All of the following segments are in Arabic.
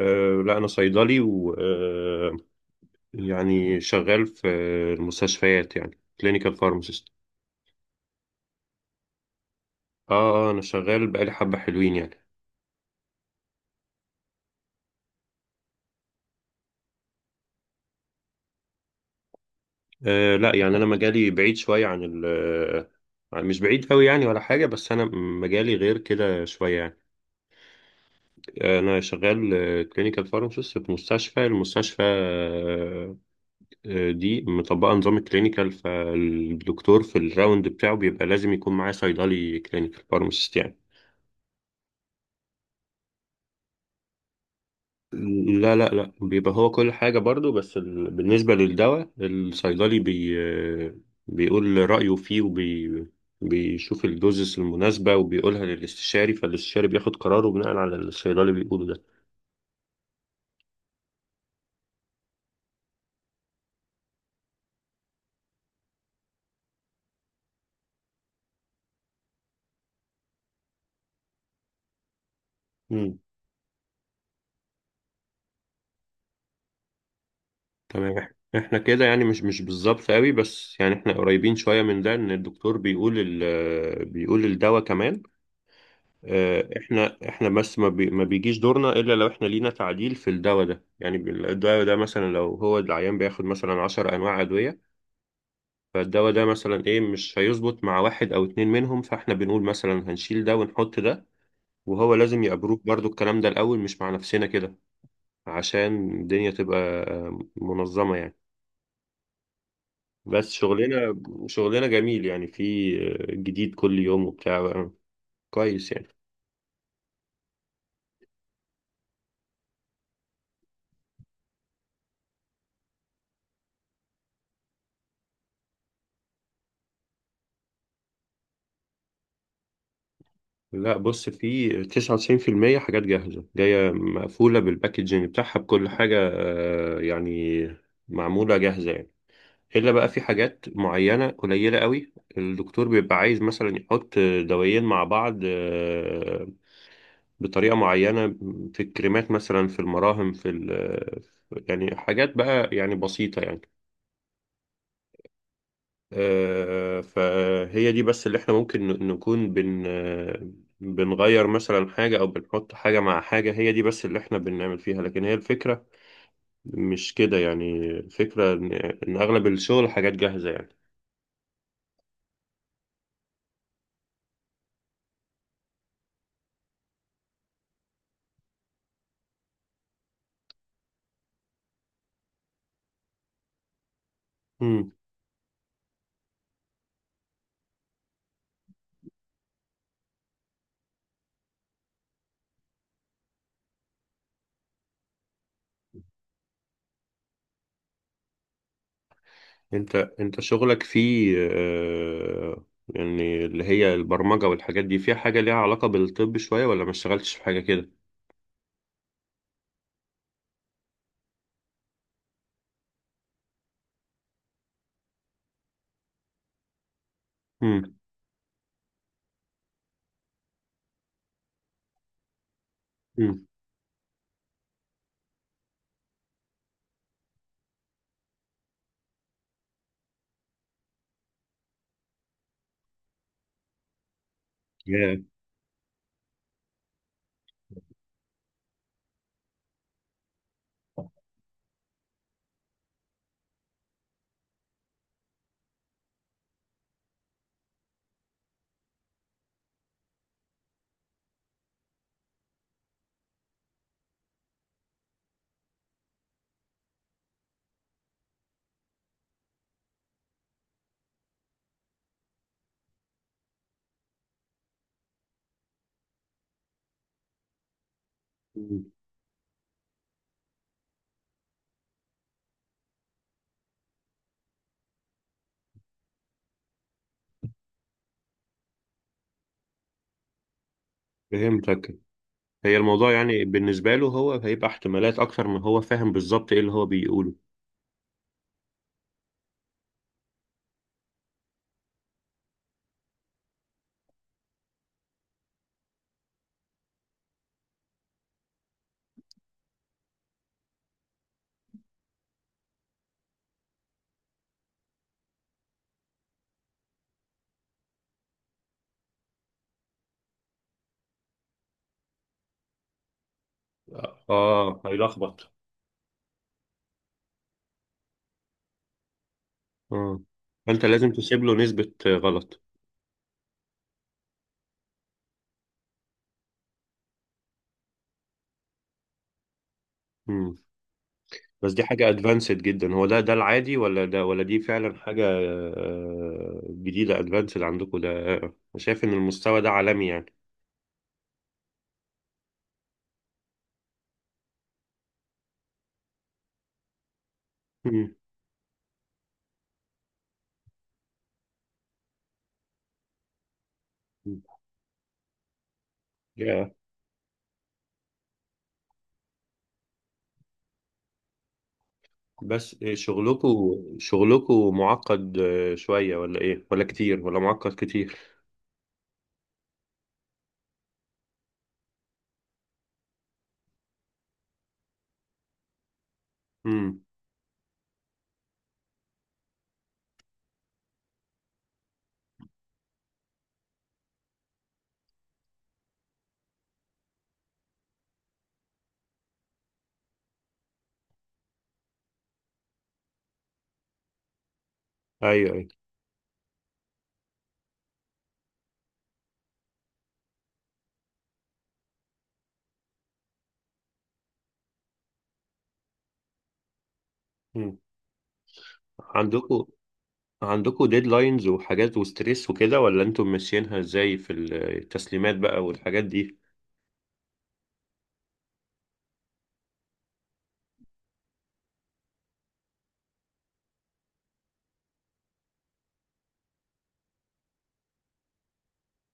لا أنا صيدلي و أه يعني شغال في المستشفيات، يعني كلينيكال فارماسيست. اه، آه، أنا شغال بقالي حبة حلوين يعني. لا يعني أنا مجالي بعيد شوية عن ال آه، مش بعيد أوي يعني ولا حاجة، بس أنا مجالي غير كده شوية يعني. أنا شغال كلينيكال فارماسيست في المستشفى دي مطبقة نظام الكلينيكال، فالدكتور في الراوند بتاعه بيبقى لازم يكون معاه صيدلي كلينيكال فارماسيست يعني. لا بيبقى هو كل حاجة برضو، بس بالنسبة للدواء الصيدلي بيقول رأيه فيه بيشوف الدوزس المناسبة وبيقولها للاستشاري، فالاستشاري بياخد قراره بناء على اللي الصيدلي بيقوله ده. مم. تمام. احنا كده يعني مش بالظبط قوي، بس يعني احنا قريبين شوية من ده، ان الدكتور بيقول بيقول الدواء كمان. احنا بس ما بيجيش دورنا الا لو احنا لينا تعديل في الدواء ده، يعني الدواء ده مثلا لو هو العيان بياخد مثلا 10 انواع ادويه، فالدواء ده مثلا ايه مش هيظبط مع واحد او اتنين منهم، فاحنا بنقول مثلا هنشيل ده ونحط ده. وهو لازم يأبروف برضو الكلام ده الاول، مش مع نفسنا كده، عشان الدنيا تبقى منظمه يعني. بس شغلنا جميل، يعني في جديد كل يوم وبتاع، كويس يعني. لا بص، في 99% حاجات جاهزة جاية مقفولة بالباكجينج بتاعها بكل حاجة، يعني معمولة جاهزة يعني. إلا بقى في حاجات معينة قليلة قوي الدكتور بيبقى عايز مثلا يحط دوايين مع بعض، بطريقة معينة، في الكريمات مثلا، في المراهم، في يعني حاجات بقى يعني بسيطة يعني. فهي دي بس اللي احنا ممكن نكون بن آه، بنغير مثلا حاجة أو بنحط حاجة مع حاجة. هي دي بس اللي احنا بنعمل فيها، لكن هي الفكرة مش كده يعني، الفكرة إن أغلب الشغل حاجات جاهزة يعني. مم. أنت شغلك فيه، يعني اللي هي البرمجة والحاجات دي، فيها حاجة ليها علاقة بالطب شوية، ولا ما اشتغلتش في حاجة كده؟ مم. مم. ياه. مم. فهمتك. هي الموضوع يعني بالنسبة له هو هيبقى احتمالات أكتر من هو فاهم بالظبط إيه اللي هو بيقوله. اه هيلخبط. اه فأنت لازم تسيب له نسبة غلط. مم. بس دي حاجة أدفانسد جدا، هو ده العادي، ولا ده، ولا دي فعلا حاجة جديدة أدفانسد عندكم ده؟ شايف إن المستوى ده عالمي يعني؟ مم. yeah. بس إيه، شغلكوا معقد شوية ولا إيه، ولا كتير، ولا معقد كتير؟ مم. أيوه أيوه. مم. عندكم عندكم ديدلاينز وحاجات وستريس وكده، ولا انتم ماشيينها ازاي في التسليمات بقى والحاجات دي؟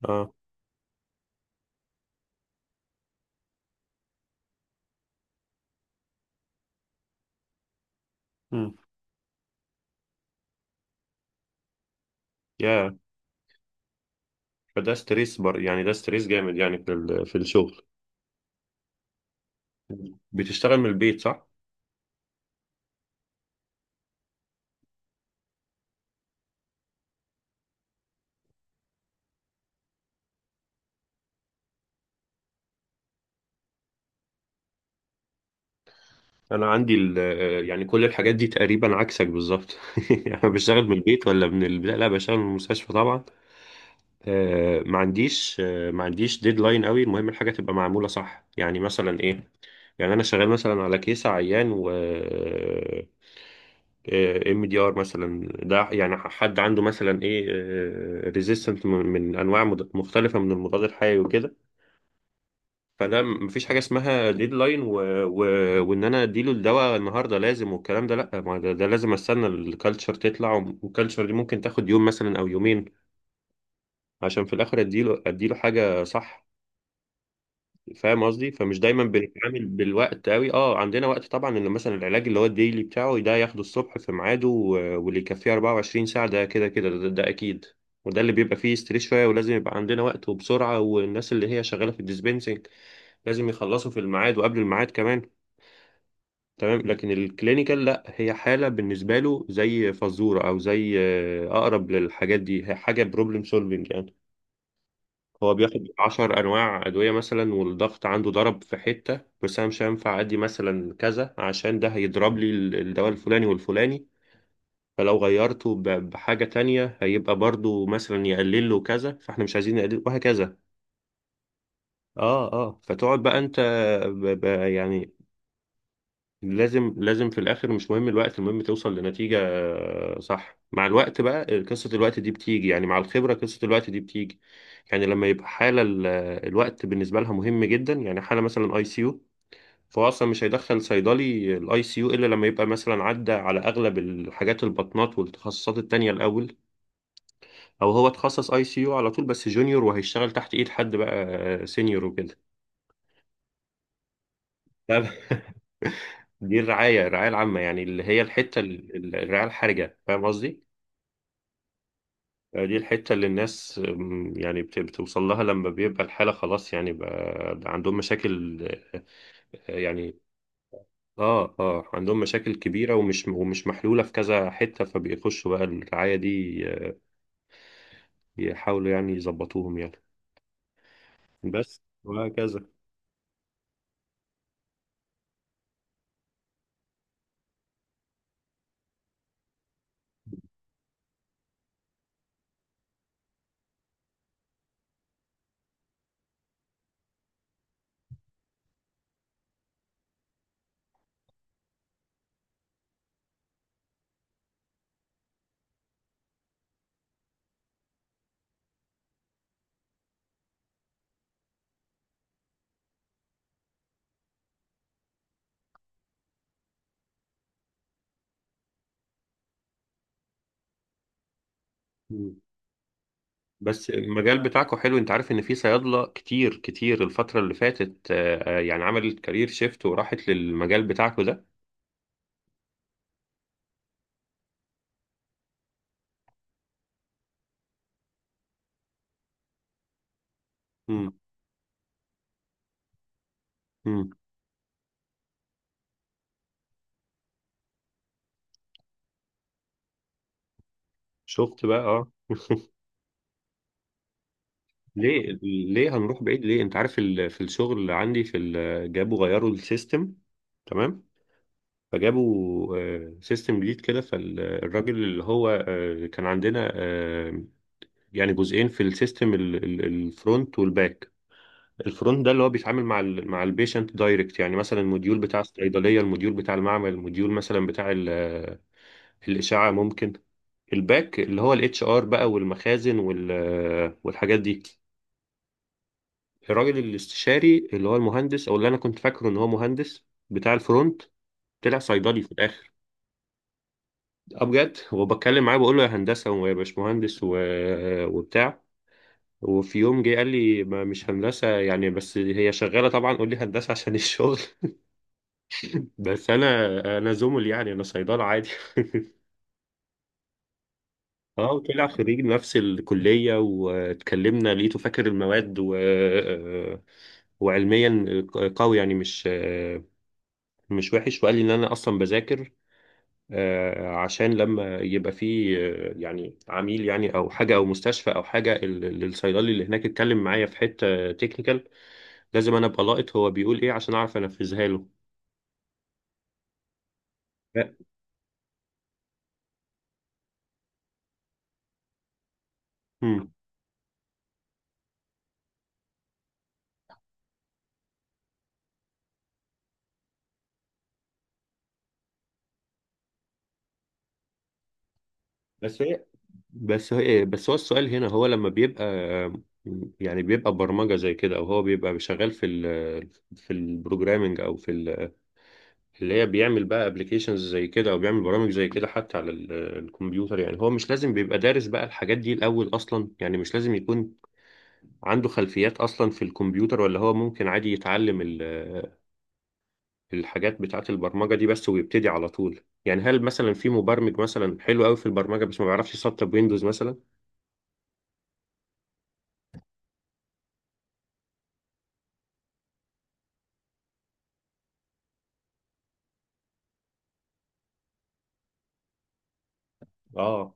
اه. امم يا فده ستريس بر، يعني ده ستريس جامد يعني في في الشغل؟ بتشتغل من البيت صح؟ انا عندي يعني كل الحاجات دي تقريبا عكسك بالظبط. يعني بشتغل من البيت ولا من لا لا، بشتغل من المستشفى طبعا. ما عنديش ديدلاين قوي، المهم الحاجه تبقى معموله صح، يعني مثلا ايه، يعني انا شغال مثلا على كيس عيان، و ام دي ار مثلا ده، يعني حد عنده مثلا ايه ريزيستنت من انواع مختلفه من المضاد الحيوي وكده. فده مفيش حاجه اسمها ديدلاين و... وان انا اديله الدواء النهارده لازم والكلام ده، لا ما ده لازم استنى الكالتشر تطلع، والكالتشر دي ممكن تاخد يوم مثلا او يومين عشان في الاخر اديله حاجه صح. فاهم قصدي؟ فمش دايما بنتعامل بالوقت قوي. اه عندنا وقت طبعا، انه مثلا العلاج اللي هو الديلي بتاعه ده ياخده الصبح في ميعاده، واللي يكفيه 24 ساعة ده، كده ده اكيد. وده اللي بيبقى فيه ستريس شوية، ولازم يبقى عندنا وقت وبسرعة. والناس اللي هي شغالة في الديسبنسنج لازم يخلصوا في الميعاد وقبل الميعاد كمان. تمام. لكن الكلينيكال لا، هي حالة بالنسبة له زي فزورة او زي، اقرب للحاجات دي، هي حاجة بروبلم سولفنج يعني. هو بياخد عشر أنواع أدوية مثلا والضغط عنده ضرب في حتة، بس أنا مش هينفع أدي مثلا كذا عشان ده هيضرب لي الدواء الفلاني والفلاني. فلو غيرته بحاجة تانية هيبقى برضو مثلا يقلل له كذا، فاحنا مش عايزين نقلل، وهكذا. اه اه. فتقعد بقى انت يعني لازم في الاخر، مش مهم الوقت، المهم توصل لنتيجة صح. مع الوقت بقى قصة الوقت دي بتيجي، يعني مع الخبرة قصة الوقت دي بتيجي. يعني لما يبقى حالة الوقت بالنسبة لها مهم جدا، يعني حالة مثلا اي سي يو، فهو اصلا مش هيدخل صيدلي الاي سي يو الا لما يبقى مثلا عدى على اغلب الحاجات البطنات والتخصصات التانية الاول، او هو اتخصص اي سي يو على طول بس جونيور، وهيشتغل تحت ايد حد بقى سينيور وكده. لا. دي الرعاية، العامة يعني، اللي هي الحتة الرعاية الحرجة. فاهم قصدي؟ دي الحتة اللي الناس يعني بتوصل لها لما بيبقى الحالة خلاص يعني، بقى عندهم مشاكل، يعني اه اه عندهم مشاكل كبيرة، ومش محلولة في كذا حتة، فبيخشوا بقى الرعاية دي يحاولوا يعني يظبطوهم يعني. بس وهكذا. مم. بس المجال بتاعكو حلو، انت عارف ان في صيادلة كتير كتير الفترة اللي فاتت، يعني عملت كارير شيفت وراحت للمجال بتاعكو ده. مم. مم. شفت بقى؟ اه. ليه، ليه هنروح بعيد؟ ليه، انت عارف في الشغل اللي عندي جابوا غيروا السيستم. تمام. فجابوا سيستم جديد كده، فالراجل اللي هو كان عندنا، يعني جزئين في السيستم، الفرونت والباك. الفرونت ده اللي هو بيتعامل مع مع البيشنت دايركت، يعني مثلا الموديول بتاع الصيدليه، الموديول بتاع المعمل، الموديول مثلا بتاع الاشعه ممكن. الباك اللي هو الاتش ار بقى والمخازن والحاجات دي. الراجل الاستشاري، اللي هو المهندس، او اللي انا كنت فاكره ان هو مهندس بتاع الفرونت، طلع صيدلي في الاخر. اه بجد، وبتكلم معاه بقول له يا هندسه ويا باشمهندس وبتاع، وفي يوم جه قال لي ما مش هندسه يعني، بس هي شغاله طبعا قول لي هندسه عشان الشغل. بس انا زمل يعني، انا صيدله عادي. اه وطلع خريج نفس الكليه، واتكلمنا لقيته فاكر المواد، وعلميا قوي يعني، مش وحش. وقال لي ان انا اصلا بذاكر، عشان لما يبقى فيه، يعني عميل يعني او حاجه او مستشفى او حاجه، الصيدلي اللي هناك اتكلم معايا في حته تكنيكال، لازم انا ابقى لاقط هو بيقول ايه عشان اعرف انفذها له. لا. مم. بس هي بس هو السؤال هنا، هو لما بيبقى يعني بيبقى برمجه زي كده، او هو بيبقى شغال في البروجرامنج اللي هي بيعمل بقى ابلكيشنز زي كده، او بيعمل برامج زي كده حتى على الكمبيوتر يعني، هو مش لازم بيبقى دارس بقى الحاجات دي الاول اصلا يعني، مش لازم يكون عنده خلفيات أصلا في الكمبيوتر، ولا هو ممكن عادي يتعلم الحاجات بتاعة البرمجة دي بس ويبتدي على طول؟ يعني هل مثلا في مبرمج مثلا حلو قوي في البرمجة بس ما بيعرفش يسطب ويندوز مثلا؟ اه.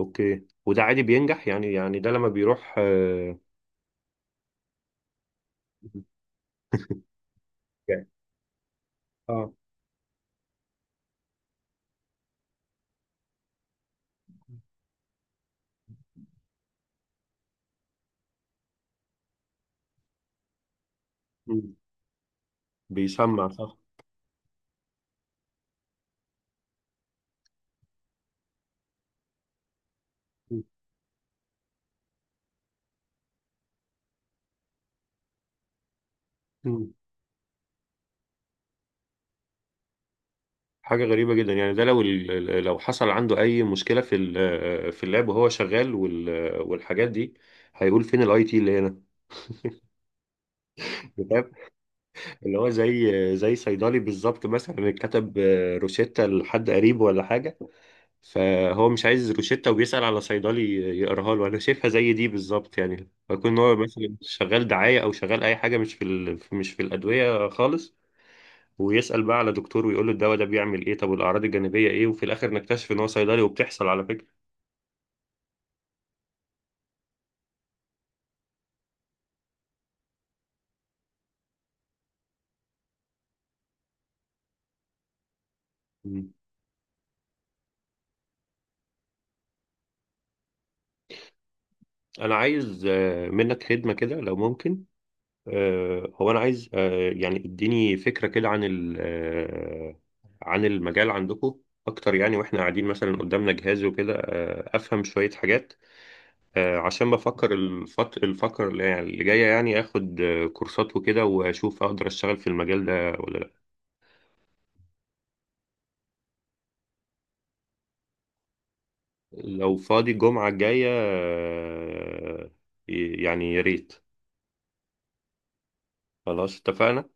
اوكي. وده عادي بينجح يعني؟ يعني ده لما بيروح يعني اه مم. بيسمع صح. مم. مم. حاجة غريبة جدا يعني. ده لو لو حصل عنده أي مشكلة في في اللاب وهو شغال والحاجات دي، هيقول فين الاي تي اللي هنا. اللي هو زي صيدلي بالظبط، مثلا كتب روشتة لحد قريبه ولا حاجة، فهو مش عايز روشتة وبيسأل على صيدلي يقراها له. أنا شايفها زي دي بالظبط يعني، فيكون هو مثلا شغال دعاية أو شغال أي حاجة مش في مش في الأدوية خالص، ويسأل بقى على دكتور ويقول له الدواء ده بيعمل إيه، طب والأعراض الجانبية إيه، وفي الآخر نكتشف إن هو صيدلي. وبتحصل على فكرة. مم. أنا عايز منك خدمة كده لو ممكن. هو انا عايز يعني اديني فكره كده عن عن المجال عندكم اكتر يعني، واحنا قاعدين مثلا قدامنا جهاز وكده افهم شويه حاجات، عشان بفكر الفكر اللي يعني اللي جايه، يعني اخد كورسات وكده واشوف اقدر اشتغل في المجال ده ولا لا. لو فاضي الجمعه الجايه يعني يا ريت. خلاص اتفقنا.